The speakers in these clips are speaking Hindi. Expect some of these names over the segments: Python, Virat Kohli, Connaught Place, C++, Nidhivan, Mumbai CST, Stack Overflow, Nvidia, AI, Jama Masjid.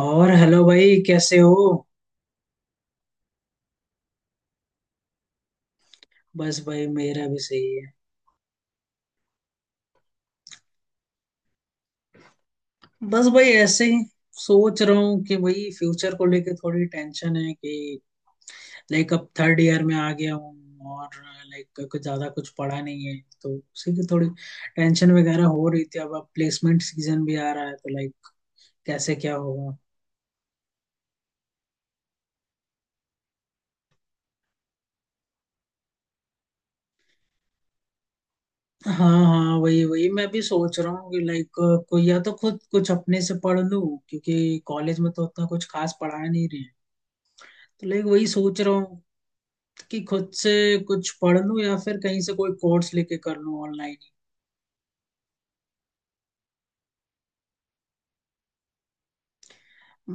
और हेलो भाई, कैसे हो? बस भाई, मेरा भी सही है। बस भाई, ऐसे ही। सोच रहा हूँ कि भाई फ्यूचर को लेके थोड़ी टेंशन है कि लाइक अब थर्ड ईयर में आ गया हूँ और लाइक कुछ ज्यादा कुछ पढ़ा नहीं है तो उसी की थोड़ी टेंशन वगैरह हो रही थी। अब प्लेसमेंट सीजन भी आ रहा है तो लाइक कैसे क्या होगा। हाँ हाँ, वही वही मैं भी सोच रहा हूँ कि लाइक कोई या तो खुद कुछ अपने से पढ़ लूँ क्योंकि कॉलेज में तो उतना कुछ खास पढ़ा नहीं रहे हैं तो लाइक वही सोच रहा हूँ कि खुद से कुछ पढ़ लूं या फिर कहीं से कोई कोर्स लेके कर लूं ऑनलाइन ही।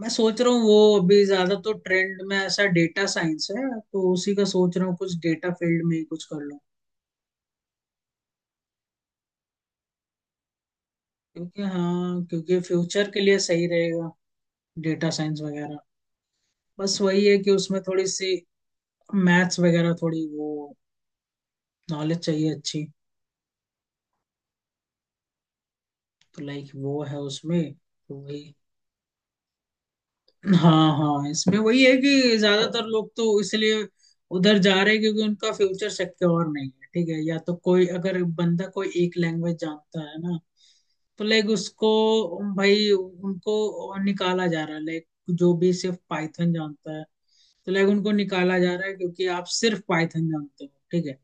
मैं सोच रहा हूँ वो अभी ज्यादा तो ट्रेंड में ऐसा डेटा साइंस है तो उसी का सोच रहा हूँ कुछ डेटा फील्ड में ही कुछ कर लूं। क्योंकि हाँ, क्योंकि फ्यूचर के लिए सही रहेगा डेटा साइंस वगैरह। बस वही है कि उसमें थोड़ी सी मैथ्स वगैरह थोड़ी वो नॉलेज चाहिए अच्छी। तो लाइक वो है उसमें तो वही। हाँ हाँ, इसमें वही है कि ज्यादातर लोग तो इसलिए उधर जा रहे हैं क्योंकि उनका फ्यूचर सिक्योर नहीं है। ठीक है। या तो कोई अगर बंदा कोई एक लैंग्वेज जानता है ना तो लाइक उसको भाई उनको निकाला जा रहा है, लाइक जो भी सिर्फ पाइथन जानता है तो लाइक उनको निकाला जा रहा है क्योंकि आप सिर्फ पाइथन जानते हो। ठीक है।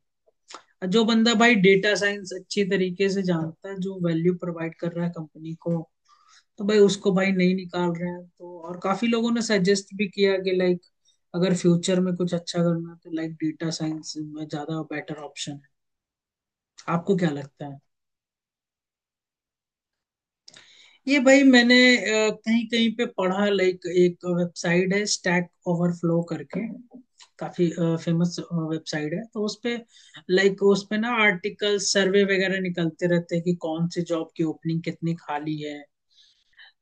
जो बंदा भाई डेटा साइंस अच्छी तरीके से जानता है, जो वैल्यू प्रोवाइड कर रहा है कंपनी को, तो भाई उसको भाई नहीं निकाल रहे हैं। तो और काफी लोगों ने सजेस्ट भी किया कि लाइक अगर फ्यूचर में कुछ अच्छा करना है तो लाइक डेटा साइंस में ज्यादा बेटर ऑप्शन है। आपको क्या लगता है? ये भाई मैंने कहीं कहीं पे पढ़ा, लाइक एक वेबसाइट है स्टैक ओवरफ्लो करके, काफी फेमस वेबसाइट है, तो उसपे लाइक उसपे ना आर्टिकल सर्वे वगैरह निकलते रहते हैं कि कौन से जॉब की ओपनिंग कितनी खाली है।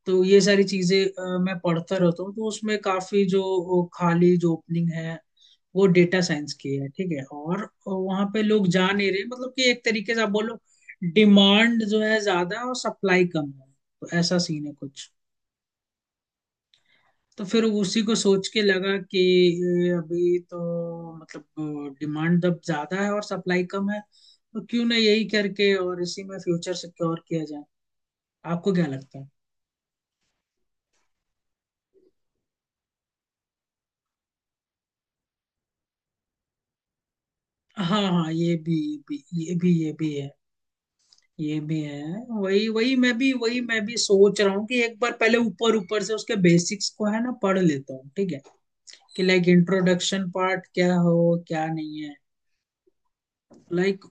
तो ये सारी चीजें मैं पढ़ता रहता हूँ तो उसमें काफी जो वो खाली जो ओपनिंग है वो डेटा साइंस की है। ठीक है। और वहां पे लोग जा नहीं रहे, मतलब कि एक तरीके से आप बोलो डिमांड जो है ज्यादा और सप्लाई कम है, तो ऐसा सीन है कुछ। तो फिर उसी को सोच के लगा कि ये अभी तो मतलब डिमांड जब ज्यादा है और सप्लाई कम है तो क्यों ना यही करके और इसी में फ्यूचर सिक्योर किया जाए। आपको क्या लगता है? हाँ हाँ, ये भी ये भी ये भी है। ये भी है। वही वही मैं भी सोच रहा हूँ कि एक बार पहले ऊपर ऊपर से उसके बेसिक्स को है ना पढ़ लेता हूँ। ठीक है। कि लाइक इंट्रोडक्शन पार्ट क्या हो क्या नहीं है, लाइक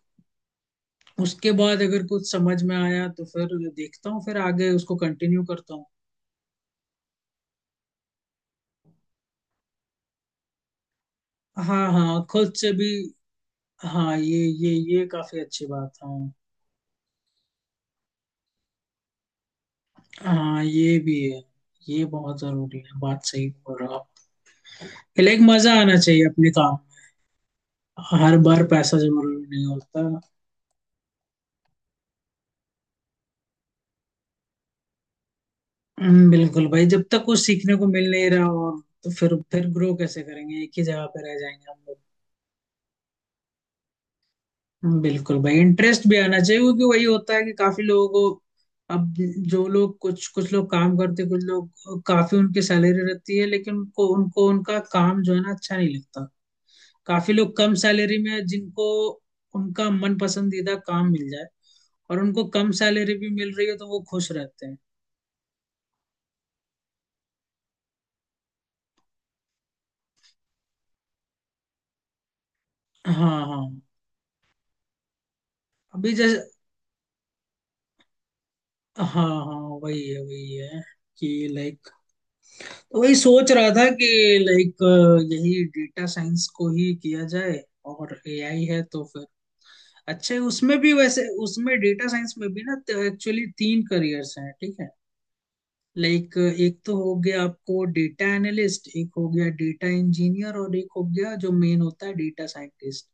उसके बाद अगर कुछ समझ में आया तो फिर देखता हूँ, फिर आगे उसको कंटिन्यू करता हूँ। हाँ हाँ, खुद से भी। हाँ, ये काफी अच्छी बात है, हाँ। हाँ, ये भी है। ये बहुत जरूरी है, बात सही बोल रहे हो आप। लाइक मजा आना चाहिए अपने काम में। हर बार पैसा जरूरी नहीं होता। बिल्कुल भाई, जब तक कुछ सीखने को मिल नहीं रहा और तो फिर ग्रो कैसे करेंगे, एक ही जगह पे रह जाएंगे हम लोग। बिल्कुल भाई, इंटरेस्ट भी आना चाहिए क्योंकि वही होता है कि काफी लोगों को अब जो लोग कुछ कुछ लोग काम करते कुछ लोग काफी उनकी सैलरी रहती है लेकिन उनको उनको उनका काम जो है ना अच्छा नहीं लगता। काफी लोग कम सैलरी में जिनको उनका मन पसंदीदा काम मिल जाए और उनको कम सैलरी भी मिल रही है तो वो खुश रहते हैं। हाँ हाँ, अभी जैसे, हाँ हाँ, वही है कि लाइक तो वही सोच रहा था कि लाइक यही डेटा साइंस को ही किया जाए। और AI है तो फिर अच्छा है, उसमें भी, वैसे उसमें डेटा साइंस में भी ना एक्चुअली तीन करियर्स हैं। ठीक है। लाइक एक तो हो गया आपको डेटा एनालिस्ट, एक हो गया डेटा इंजीनियर, और एक हो गया जो मेन होता है डेटा साइंटिस्ट।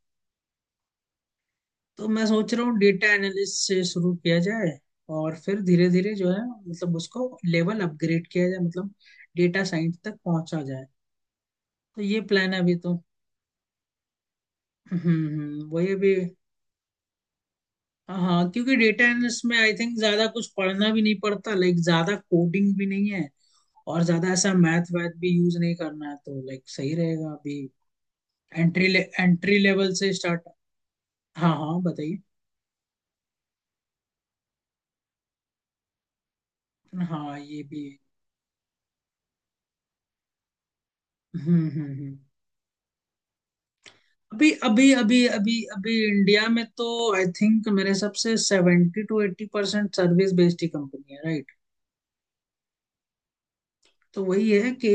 तो मैं सोच रहा हूँ डेटा एनालिस्ट से शुरू किया जाए और फिर धीरे धीरे जो है मतलब उसको लेवल अपग्रेड किया जाए, मतलब डेटा साइंस तक पहुंचा जाए। तो ये प्लान है अभी तो। वही अभी। हाँ, क्योंकि डेटा एनालिस्ट में आई थिंक ज्यादा कुछ पढ़ना भी नहीं पड़ता, लाइक ज्यादा कोडिंग भी नहीं है और ज्यादा ऐसा मैथ वैथ भी यूज नहीं करना है तो लाइक सही रहेगा अभी। एंट्री लेवल से स्टार्ट। हाँ हाँ, बताइए। हाँ, ये भी है। हम्म हम्म हम्म। अभी अभी अभी अभी अभी इंडिया में तो आई थिंक मेरे हिसाब से 70-80% सर्विस बेस्ड ही कंपनी है, right? तो वही है कि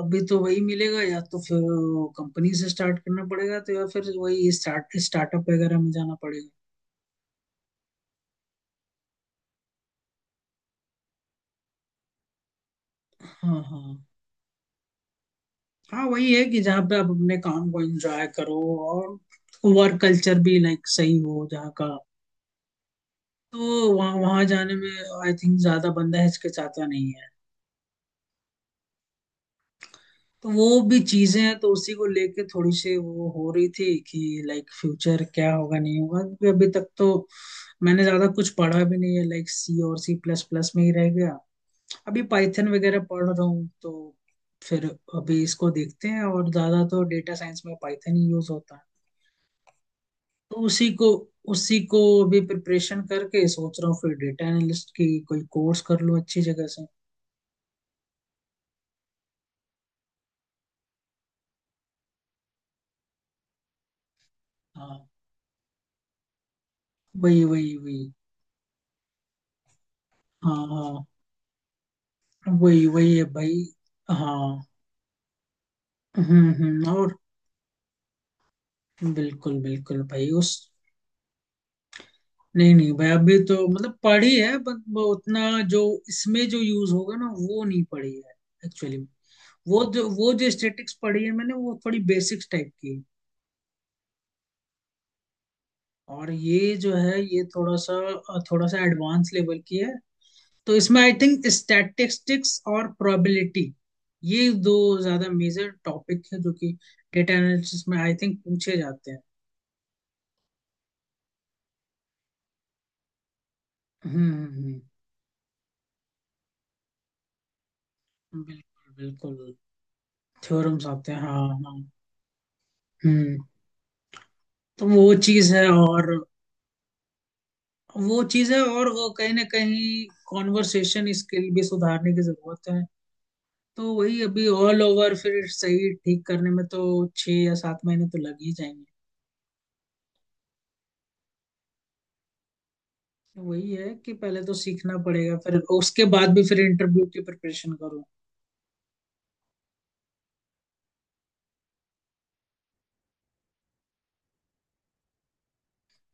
अभी तो वही मिलेगा या तो फिर कंपनी से स्टार्ट करना पड़ेगा तो, या फिर वही स्टार्टअप वगैरह में जाना पड़ेगा। हाँ हाँ हाँ, वही है कि जहाँ पे आप अपने काम को एंजॉय करो और वर्क कल्चर भी लाइक सही हो जहाँ का, तो वहाँ वहाँ जाने में आई थिंक ज्यादा बंदा हिचकिचाता नहीं है। तो वो भी चीजें हैं तो उसी को लेके थोड़ी सी वो हो रही थी कि लाइक फ्यूचर क्या होगा नहीं होगा क्योंकि अभी तक तो मैंने ज्यादा कुछ पढ़ा भी नहीं है, लाइक सी और C++ में ही रह गया। अभी पाइथन वगैरह पढ़ रहा हूँ तो फिर अभी इसको देखते हैं, और ज्यादा तो डेटा साइंस में पाइथन ही यूज होता है। तो उसी को अभी प्रिपरेशन करके सोच रहा हूँ फिर डेटा एनालिस्ट की कोई कोर्स कर लूँ अच्छी जगह से। हाँ, वही वही वही। हाँ हाँ, वही वही है भाई, हाँ। और बिल्कुल बिल्कुल भाई, उस नहीं नहीं भाई, अभी तो मतलब पढ़ी है बट वो उतना जो इसमें जो यूज होगा ना वो नहीं पढ़ी है एक्चुअली। वो जो स्टैटिक्स पढ़ी है मैंने वो थोड़ी बेसिक्स टाइप की है। और ये जो है ये थोड़ा सा एडवांस लेवल की है। तो इसमें आई थिंक स्टैटिस्टिक्स और प्रोबेबिलिटी, ये दो ज्यादा मेजर टॉपिक है जो कि डेटा एनालिसिस में आई थिंक पूछे जाते हैं। हम्म हम्म, बिल्कुल बिल्कुल, थ्योरम्स आते हैं हाँ हाँ, हम्म। तो वो चीज है और वो चीज है और वो कहीं ना कहीं कॉन्वर्सेशन स्किल भी सुधारने की जरूरत है। तो वही अभी ऑल ओवर फिर सही ठीक करने में तो 6 या 7 महीने तो लग ही जाएंगे। तो वही है कि पहले तो सीखना पड़ेगा फिर उसके बाद भी फिर इंटरव्यू की प्रिपरेशन करो।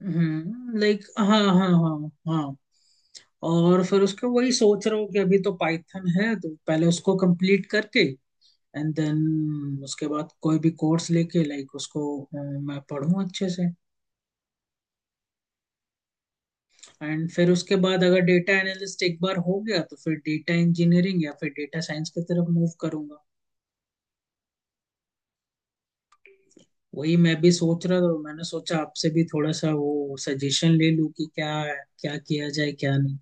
हम्म, लाइक हाँ हाँ हाँ हाँ। और फिर उसके वही सोच रहा हूँ कि अभी तो पाइथन है तो पहले उसको कंप्लीट करके एंड देन उसके बाद कोई भी कोर्स लेके लाइक उसको मैं पढूं अच्छे से। एंड फिर उसके बाद अगर डेटा एनालिस्ट एक बार हो गया तो फिर डेटा इंजीनियरिंग या फिर डेटा साइंस की तरफ मूव करूंगा। वही मैं भी सोच रहा था तो मैंने सोचा आपसे भी थोड़ा सा वो सजेशन ले लूं कि क्या क्या किया जाए क्या नहीं।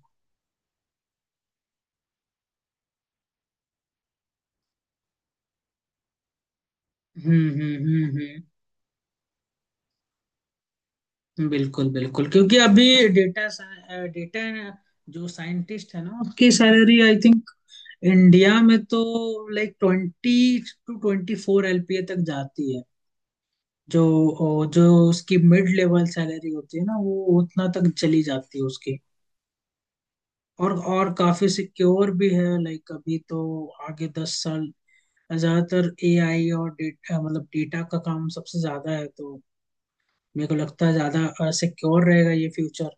हम्म हम्म हम्म बिल्कुल बिल्कुल क्योंकि अभी डेटा डेटा जो साइंटिस्ट है ना उसकी सैलरी आई थिंक इंडिया में तो लाइक 20-24 LPA तक जाती है। जो जो उसकी मिड लेवल सैलरी होती है ना वो उतना तक चली जाती है उसकी। और काफी सिक्योर भी है लाइक अभी तो, आगे 10 साल ज्यादातर AI और डेटा, मतलब डेटा का काम सबसे ज्यादा है तो मेरे को लगता है ज्यादा सिक्योर रहेगा ये फ्यूचर।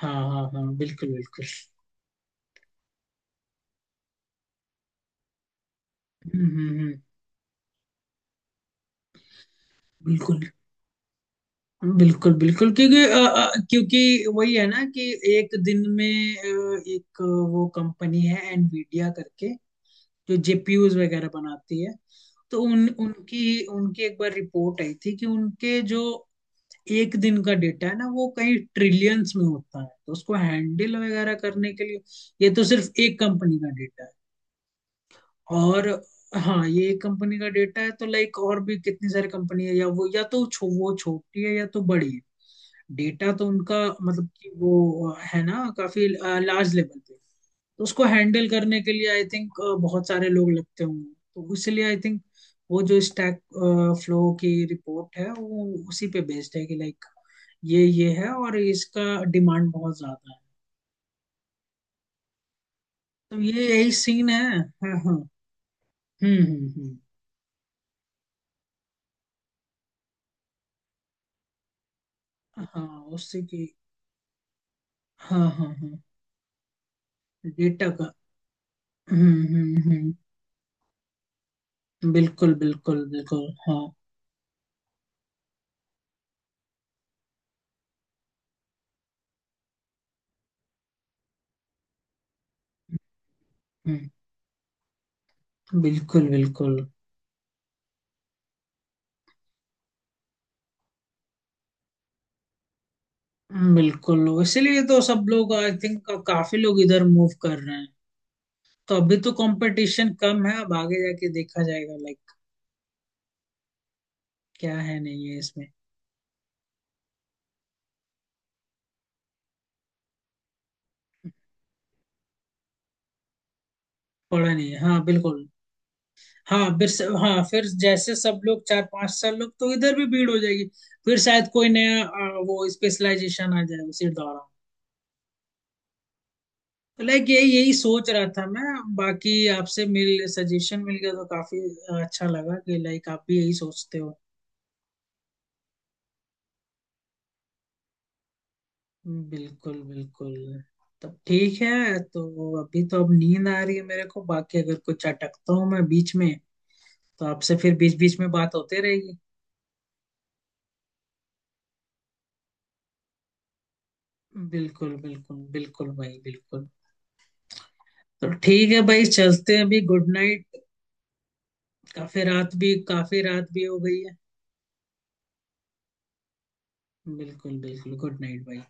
हाँ हाँ हाँ, बिल्कुल बिल्कुल। हम्म हम्म हम्म, बिल्कुल बिल्कुल बिल्कुल क्योंकि क्योंकि वही है ना कि एक दिन में एक वो कंपनी है एनवीडिया करके जो जेपीयूज वगैरह बनाती है। तो उन उनकी उनकी एक बार रिपोर्ट आई थी कि उनके जो एक दिन का डेटा है ना वो कहीं ट्रिलियंस में होता है तो उसको हैंडल वगैरह करने के लिए, ये तो सिर्फ एक कंपनी का डेटा है। और हाँ, ये एक कंपनी का डेटा है, तो लाइक और भी कितनी सारी कंपनी है या वो या तो वो छोटी है या तो बड़ी है। डेटा तो उनका, मतलब कि वो है ना काफी लार्ज लेवल पे, तो उसको हैंडल करने के लिए आई थिंक बहुत सारे लोग लगते होंगे तो इसलिए आई थिंक वो जो स्टैक फ्लो की रिपोर्ट है वो उसी पे बेस्ड है कि लाइक ये है और इसका डिमांड बहुत ज्यादा है। तो ये यही सीन है, हाँ हाँ। हम्म, हाँ उससे, हाँ हाँ हाँ, डेटा का हम्म, बिल्कुल बिल्कुल बिल्कुल हाँ, हम्म, बिल्कुल बिल्कुल। बिल्कुल इसीलिए तो सब लोग आई थिंक काफी लोग इधर मूव कर रहे हैं। तो अभी तो कंपटीशन कम है, अब आगे जाके देखा जाएगा लाइक क्या है नहीं है इसमें। पड़ा नहीं है, हाँ बिल्कुल। हाँ हाँ फिर जैसे सब लोग 4-5 साल लोग तो इधर भी भीड़ हो जाएगी। फिर शायद कोई नया वो स्पेशलाइजेशन आ जाए उसी दौरान। लाइक यही यही सोच रहा था मैं, बाकी आपसे मिल सजेशन मिल गया तो काफी अच्छा लगा कि लाइक आप भी यही सोचते हो। बिल्कुल बिल्कुल। तब ठीक है तो अभी तो अब नींद आ रही है मेरे को, बाकी अगर कुछ अटकता हूँ मैं बीच में तो आपसे फिर बीच बीच में बात होते रहेगी। बिल्कुल बिल्कुल बिल्कुल भाई बिल्कुल। तो ठीक है भाई, चलते हैं अभी, गुड नाइट। काफी रात भी हो गई है। बिल्कुल बिल्कुल गुड नाइट भाई।